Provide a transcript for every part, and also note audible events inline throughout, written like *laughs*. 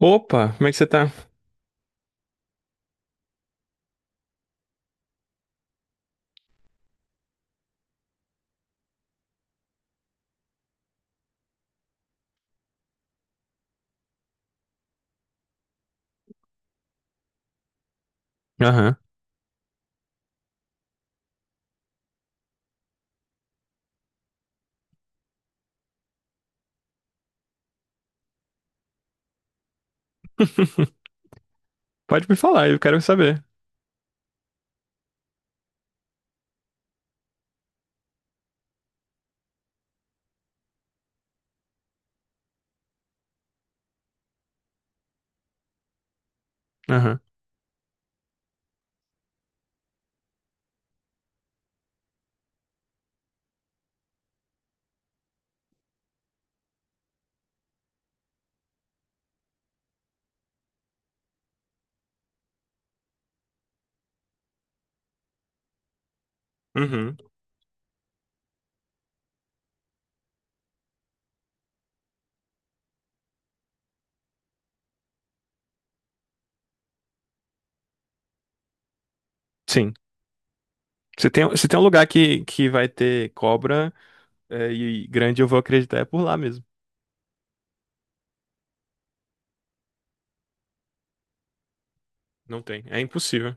Opa, como é que você tá? Aham. *laughs* Pode me falar, eu quero saber. Aham. Uhum. Sim. Se tem um lugar que vai ter cobra é, e grande, eu vou acreditar, é por lá mesmo. Não tem. É impossível.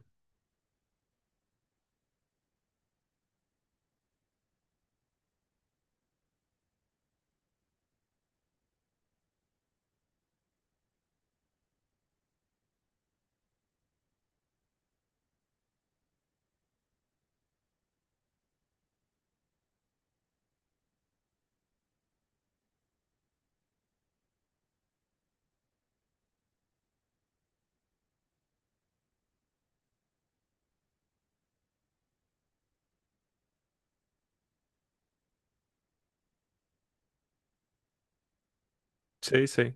Sei, sei.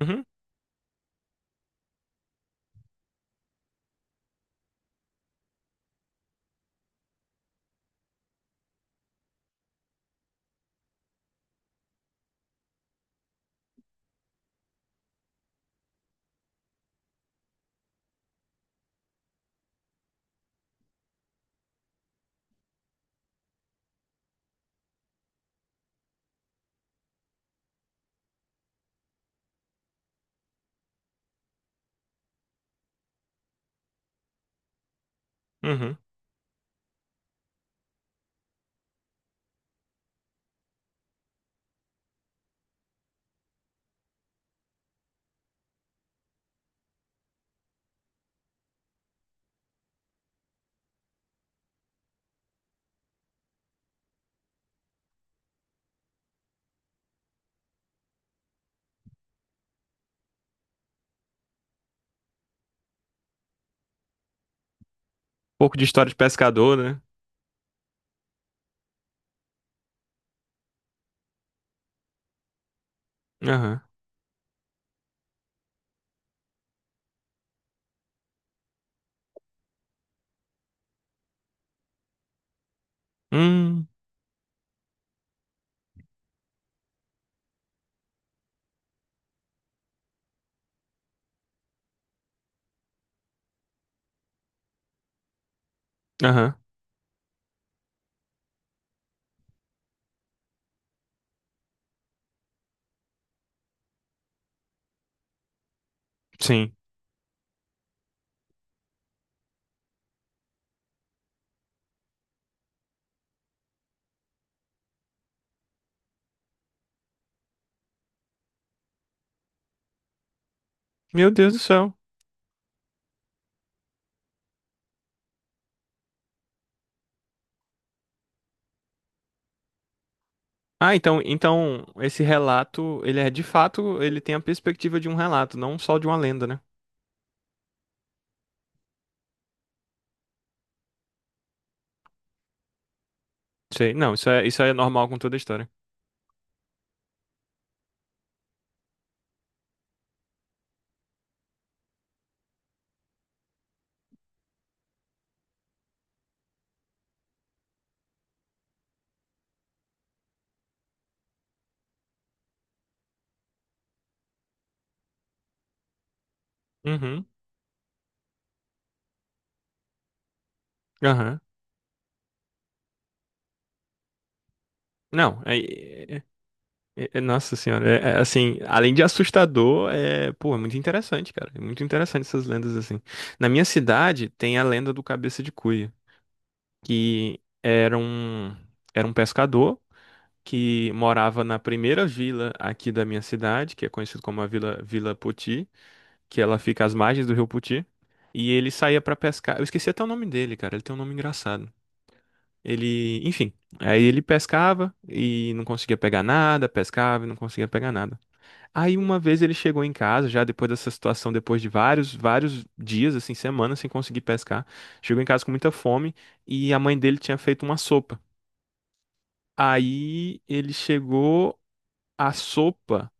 Uhum. Uhum. Pouco de história de pescador, né? Aham. Hum. Aham. Sim. Meu Deus do céu. Ah, então esse relato, ele é de fato, ele tem a perspectiva de um relato, não só de uma lenda, né? Sei. Não, isso é normal com toda a história. Uhum. Aham. Não, é- nossa senhora, assim, além de assustador, é, pô, é muito interessante, cara. É muito interessante essas lendas assim. Na minha cidade tem a lenda do Cabeça de Cuia, que era um pescador que morava na primeira vila aqui da minha cidade, que é conhecido como a Vila Poti, que ela fica às margens do Rio Poti, e ele saía pra pescar. Eu esqueci até o nome dele, cara, ele tem um nome engraçado. Ele, enfim, aí ele pescava e não conseguia pegar nada, pescava e não conseguia pegar nada. Aí uma vez ele chegou em casa, já depois dessa situação, depois de vários, vários dias, assim, semanas sem conseguir pescar, chegou em casa com muita fome e a mãe dele tinha feito uma sopa. Aí ele chegou, a sopa,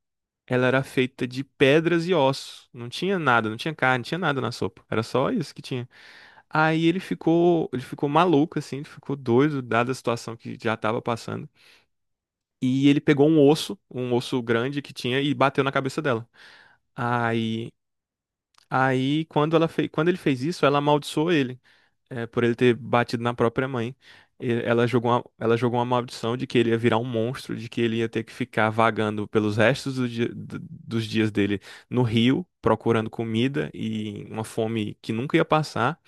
ela era feita de pedras e ossos. Não tinha nada, não tinha carne, não tinha nada na sopa. Era só isso que tinha. Aí ele ficou maluco assim, ele ficou doido dada a situação que já estava passando. E ele pegou um osso grande que tinha, e bateu na cabeça dela. Aí, aí, quando ele fez isso, ela amaldiçoou ele, é, por ele ter batido na própria mãe. E ela jogou uma maldição de que ele ia virar um monstro, de que ele ia ter que ficar vagando pelos restos dos dias dele no rio, procurando comida e uma fome que nunca ia passar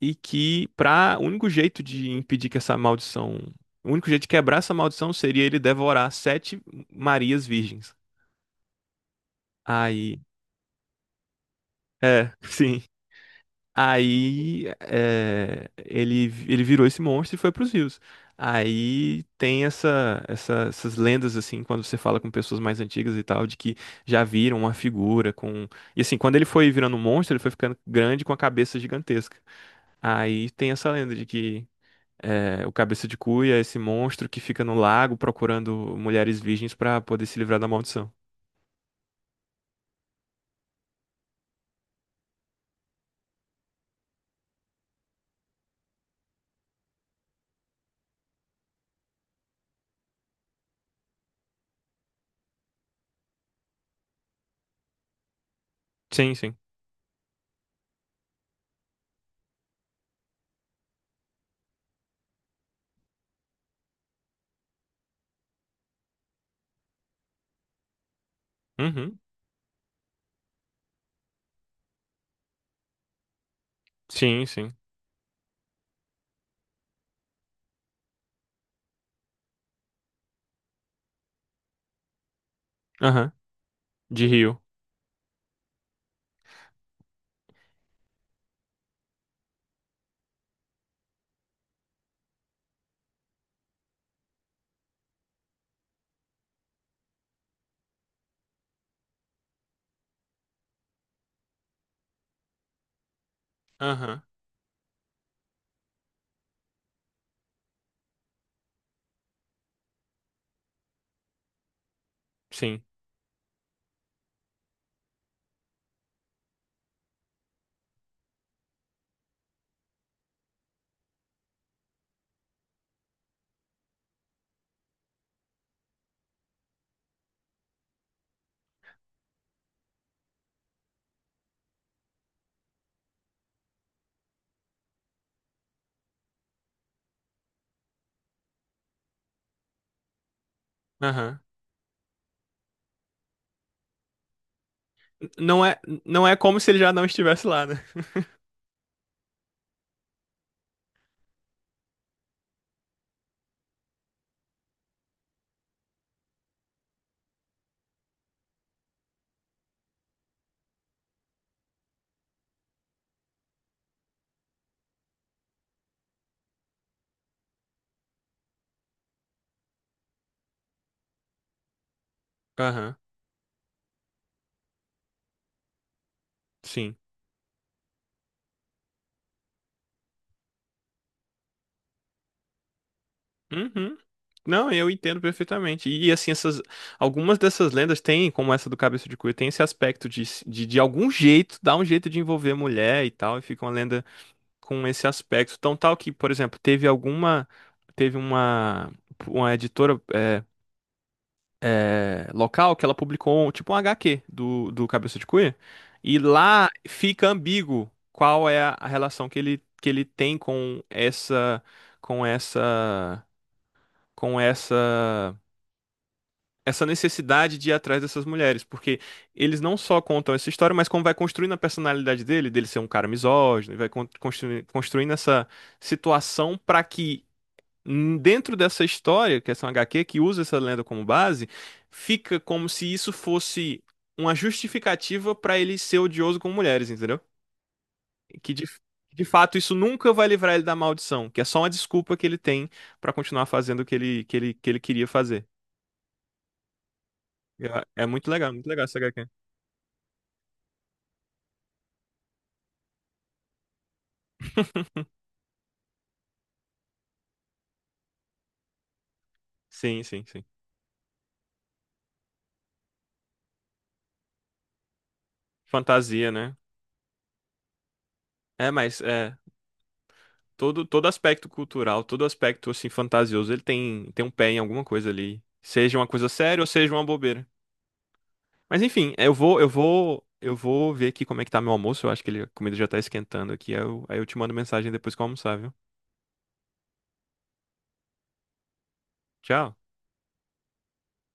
e que para o único jeito de impedir que essa maldição, o único jeito de quebrar essa maldição seria ele devorar sete Marias virgens. Aí, é, *laughs* sim. Aí é, ele virou esse monstro e foi para os rios. Aí tem essas lendas assim quando você fala com pessoas mais antigas e tal de que já viram uma figura com e assim quando ele foi virando um monstro ele foi ficando grande com a cabeça gigantesca. Aí tem essa lenda de que é, o Cabeça de Cuia é esse monstro que fica no lago procurando mulheres virgens pra poder se livrar da maldição. Sim, sim. Uhum. Sim, sim. Aham. De rio. Aham. Sim. Aham. Não é como se ele já não estivesse lá, né? Aham. Sim. Uhum. Não, eu entendo perfeitamente. E assim, algumas dessas lendas têm, como essa do Cabeça de Cuia, tem esse aspecto de, algum jeito, dar um jeito de envolver a mulher e tal, e fica uma lenda com esse aspecto tão tal que, por exemplo, teve uma editora local que ela publicou tipo um HQ do, do Cabeça de Cuia e lá fica ambíguo qual é a relação que ele tem com essa, com essa necessidade de ir atrás dessas mulheres, porque eles não só contam essa história, mas como vai construindo a personalidade dele ser um cara misógino, e vai construindo essa situação para que dentro dessa história, que é uma HQ que usa essa lenda como base, fica como se isso fosse uma justificativa para ele ser odioso com mulheres, entendeu? Que de fato isso nunca vai livrar ele da maldição, que é só uma desculpa que ele tem para continuar fazendo o que ele queria fazer. É muito legal essa HQ. Sim, sim, sim. Fantasia, né? É, mas é todo aspecto cultural, todo aspecto assim fantasioso, ele tem um pé em alguma coisa ali, seja uma coisa séria ou seja uma bobeira. Mas enfim, eu vou ver aqui como é que tá meu almoço, eu acho que a comida já tá esquentando aqui, aí eu te mando mensagem depois que eu almoçar, viu? Tchau.